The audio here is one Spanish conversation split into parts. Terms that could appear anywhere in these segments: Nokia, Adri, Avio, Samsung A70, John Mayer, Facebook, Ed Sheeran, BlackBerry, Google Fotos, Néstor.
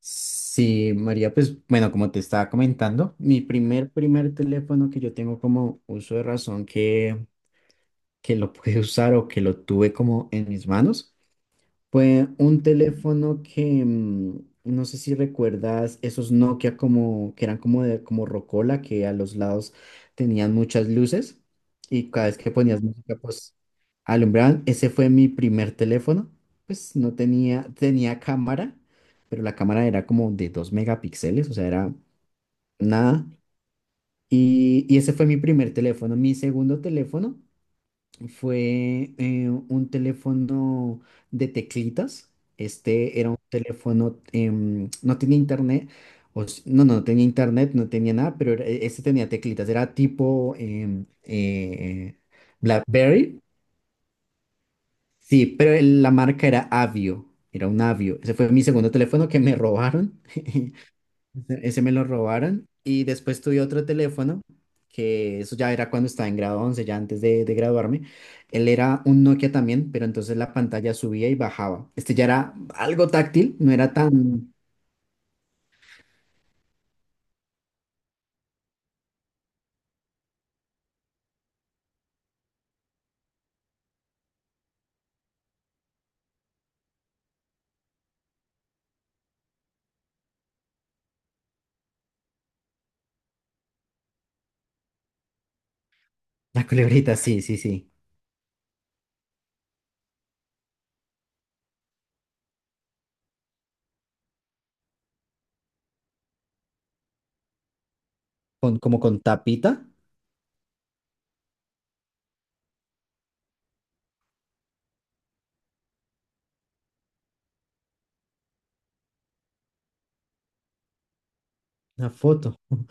Sí, María, pues bueno, como te estaba comentando, mi primer teléfono que yo tengo como uso de razón que lo pude usar o que lo tuve como en mis manos fue un teléfono que, no sé si recuerdas, esos Nokia como, que eran como de, como rocola, que a los lados tenían muchas luces y cada vez que ponías música, pues alumbraban. Ese fue mi primer teléfono. Pues no tenía, tenía cámara, pero la cámara era como de 2 megapíxeles, o sea, era nada. Y ese fue mi primer teléfono. Mi segundo teléfono fue un teléfono de teclitas. Este era un teléfono, no tenía internet, no, no, no tenía internet, no tenía nada, pero este tenía teclitas, era tipo BlackBerry. Sí, pero la marca era Avio, era un Avio. Ese fue mi segundo teléfono que me robaron. Ese me lo robaron. Y después tuve otro teléfono, que eso ya era cuando estaba en grado 11, ya antes de graduarme. Él era un Nokia también, pero entonces la pantalla subía y bajaba. Este ya era algo táctil, no era tan... La culebrita, sí, sí, sí. Como con tapita, la foto.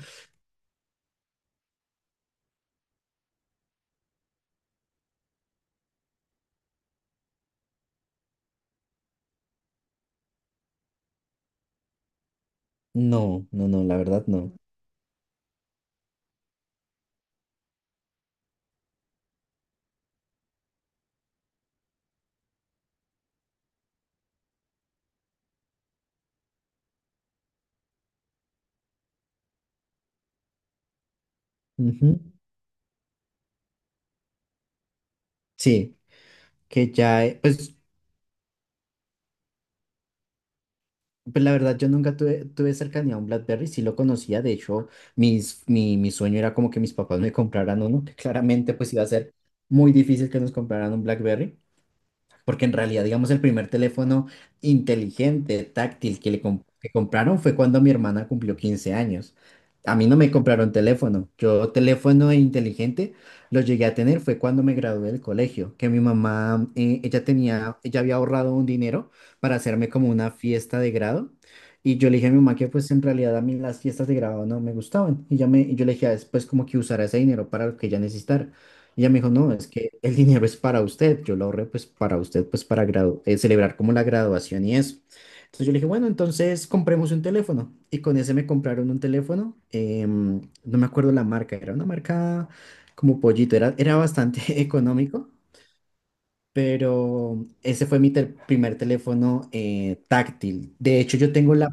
No, no, no, la verdad no. Ujú. Sí, que ya, pues pues la verdad, yo nunca tuve cercanía a un BlackBerry, sí lo conocía, de hecho, mi sueño era como que mis papás me compraran uno, que claramente pues iba a ser muy difícil que nos compraran un BlackBerry, porque en realidad, digamos, el primer teléfono inteligente, táctil que compraron fue cuando mi hermana cumplió 15 años. A mí no me compraron teléfono. Yo teléfono inteligente lo llegué a tener fue cuando me gradué del colegio, que mi mamá, ella tenía, ella había ahorrado un dinero para hacerme como una fiesta de grado. Y yo le dije a mi mamá que pues en realidad a mí las fiestas de grado no me gustaban. Y yo le dije después como que usara ese dinero para lo que ella necesitara. Y ella me dijo, no, es que el dinero es para usted, yo lo ahorré pues para usted, pues para celebrar como la graduación y eso. Entonces yo le dije, bueno, entonces compremos un teléfono. Y con ese me compraron un teléfono, no me acuerdo la marca, era una marca como pollito, era, era bastante económico, pero ese fue mi primer teléfono táctil. De hecho, yo tengo la...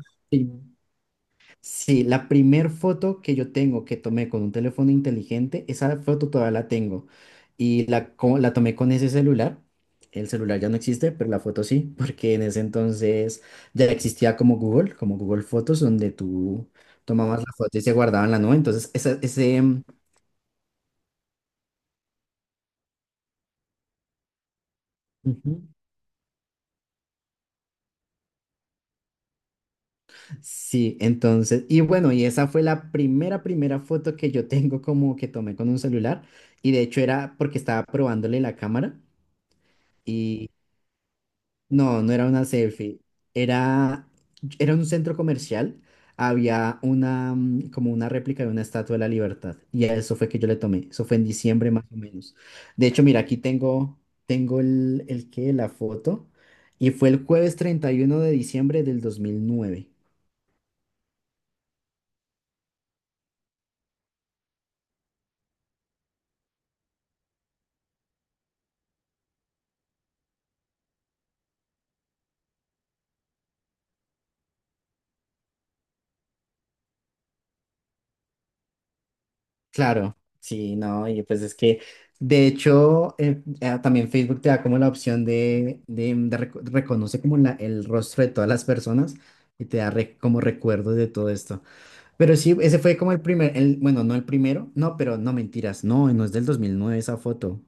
Sí, la primer foto que yo tengo que tomé con un teléfono inteligente, esa foto todavía la tengo. Y la tomé con ese celular. El celular ya no existe, pero la foto sí, porque en ese entonces ya existía como Google Fotos, donde tú tomabas la foto y se guardaba en la nube. Ujú. Sí, entonces, y bueno, y esa fue la primera foto que yo tengo como que tomé con un celular. Y de hecho era porque estaba probándole la cámara. No, no era una selfie. Era, era un centro comercial. Había una, como una réplica de una estatua de la Libertad. Y a eso fue que yo le tomé. Eso fue en diciembre más o menos. De hecho, mira, aquí tengo la foto. Y fue el jueves 31 de diciembre del 2009. Claro, sí, no, y pues es que, de hecho, también Facebook te da como la opción de reconoce como la, el rostro de todas las personas y te da como recuerdos de todo esto. Pero sí, ese fue como el primer, el, bueno, no el primero, no, pero no mentiras, no, no es del 2009 esa foto.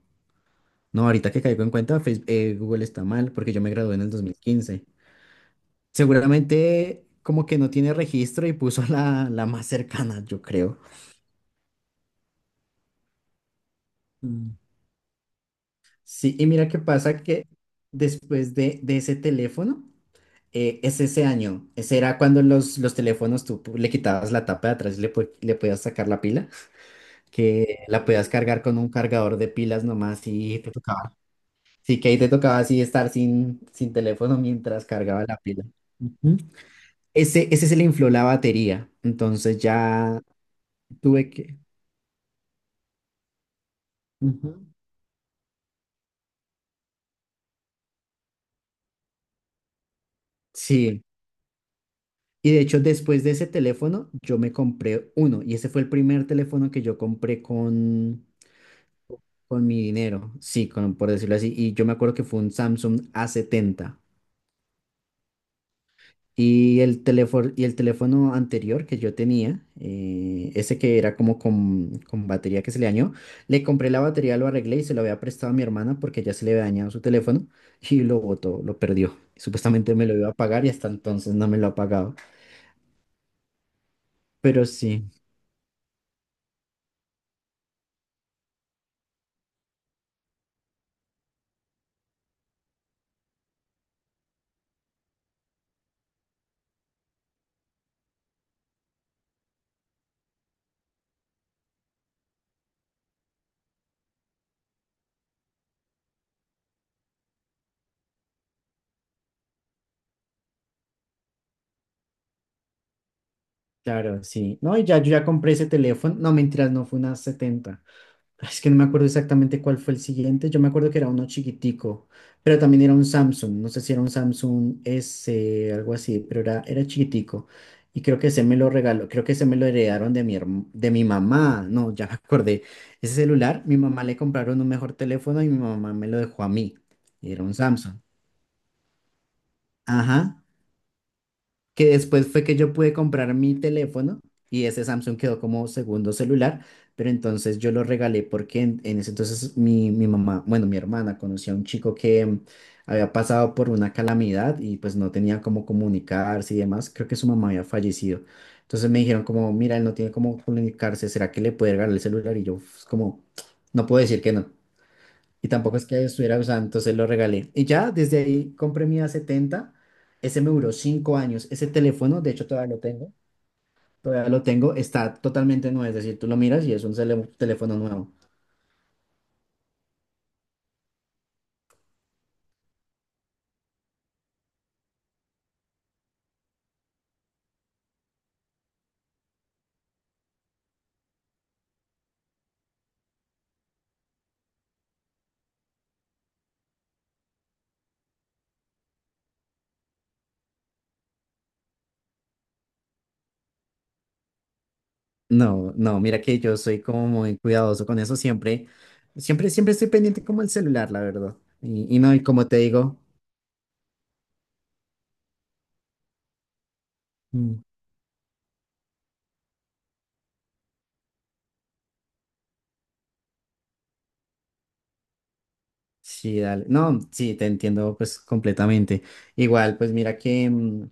No, ahorita que caigo en cuenta, Google está mal porque yo me gradué en el 2015. Seguramente como que no tiene registro y puso la más cercana, yo creo. Sí, y mira qué pasa que después de ese teléfono, es ese año, ese era cuando los teléfonos tú le quitabas la tapa de atrás y le podías sacar la pila, que la podías cargar con un cargador de pilas nomás y te tocaba. Sí, que ahí te tocaba así estar sin teléfono mientras cargaba la pila. Ujú. Ese se le infló la batería, entonces ya tuve que... Ujú. Sí. Y de hecho, después de ese teléfono, yo me compré uno. Y ese fue el primer teléfono que yo compré con mi dinero. Sí, con, por decirlo así. Y yo me acuerdo que fue un Samsung A70. Y el teléfono anterior que yo tenía, ese que era como con batería que se le dañó, le compré la batería, lo arreglé y se lo había prestado a mi hermana porque ya se le había dañado su teléfono y lo botó, lo perdió. Supuestamente me lo iba a pagar y hasta entonces no me lo ha pagado. Pero sí. Claro, sí, no, y ya yo ya compré ese teléfono. No, mentiras, no fue una 70. Es que no me acuerdo exactamente cuál fue el siguiente. Yo me acuerdo que era uno chiquitico, pero también era un Samsung. No sé si era un Samsung S, algo así, pero era chiquitico. Y creo que ese me lo regaló, creo que ese me lo heredaron de mi mamá. No, ya me acordé. Ese celular, mi mamá le compraron un mejor teléfono y mi mamá me lo dejó a mí. Y era un Samsung. Ajá. Que después fue que yo pude comprar mi teléfono y ese Samsung quedó como segundo celular, pero entonces yo lo regalé porque en ese entonces mi mamá, bueno, mi hermana conocía a un chico que había pasado por una calamidad y pues no tenía cómo comunicarse y demás, creo que su mamá había fallecido. Entonces me dijeron como, mira, él no tiene cómo comunicarse, ¿será que le puede regalar el celular? Y yo pues, como, no puedo decir que no. Y tampoco es que estuviera usando, entonces lo regalé. Y ya desde ahí compré mi A70. Ese me duró 5 años. Ese teléfono, de hecho, todavía lo tengo. Todavía lo tengo. Está totalmente nuevo. Es decir, tú lo miras y es un teléfono nuevo. No, no, mira que yo soy como muy cuidadoso con eso. Siempre, siempre, siempre estoy pendiente como el celular, la verdad. Y no, y como te digo. Mm. Sí, dale. No, sí, te entiendo pues completamente. Igual, pues mira que, mm,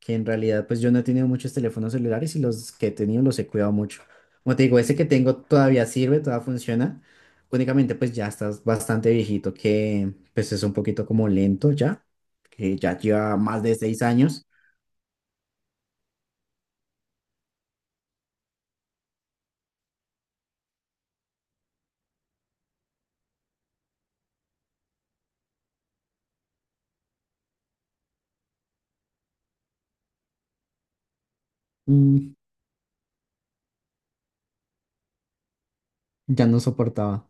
que en realidad pues yo no he tenido muchos teléfonos celulares y los que he tenido los he cuidado mucho. Como te digo, ese que tengo todavía sirve, todavía funciona. Únicamente pues ya estás bastante viejito que pues es un poquito como lento ya, que ya lleva más de 6 años. Mm, ya no soportaba.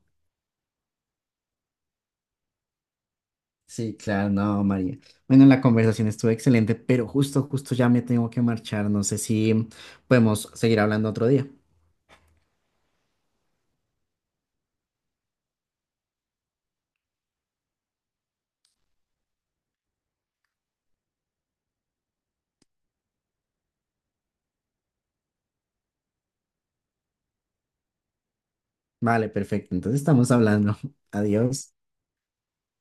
Sí, claro, no, María. Bueno, la conversación estuvo excelente, pero justo ya me tengo que marchar. No sé si podemos seguir hablando otro día. Vale, perfecto. Entonces estamos hablando. Adiós.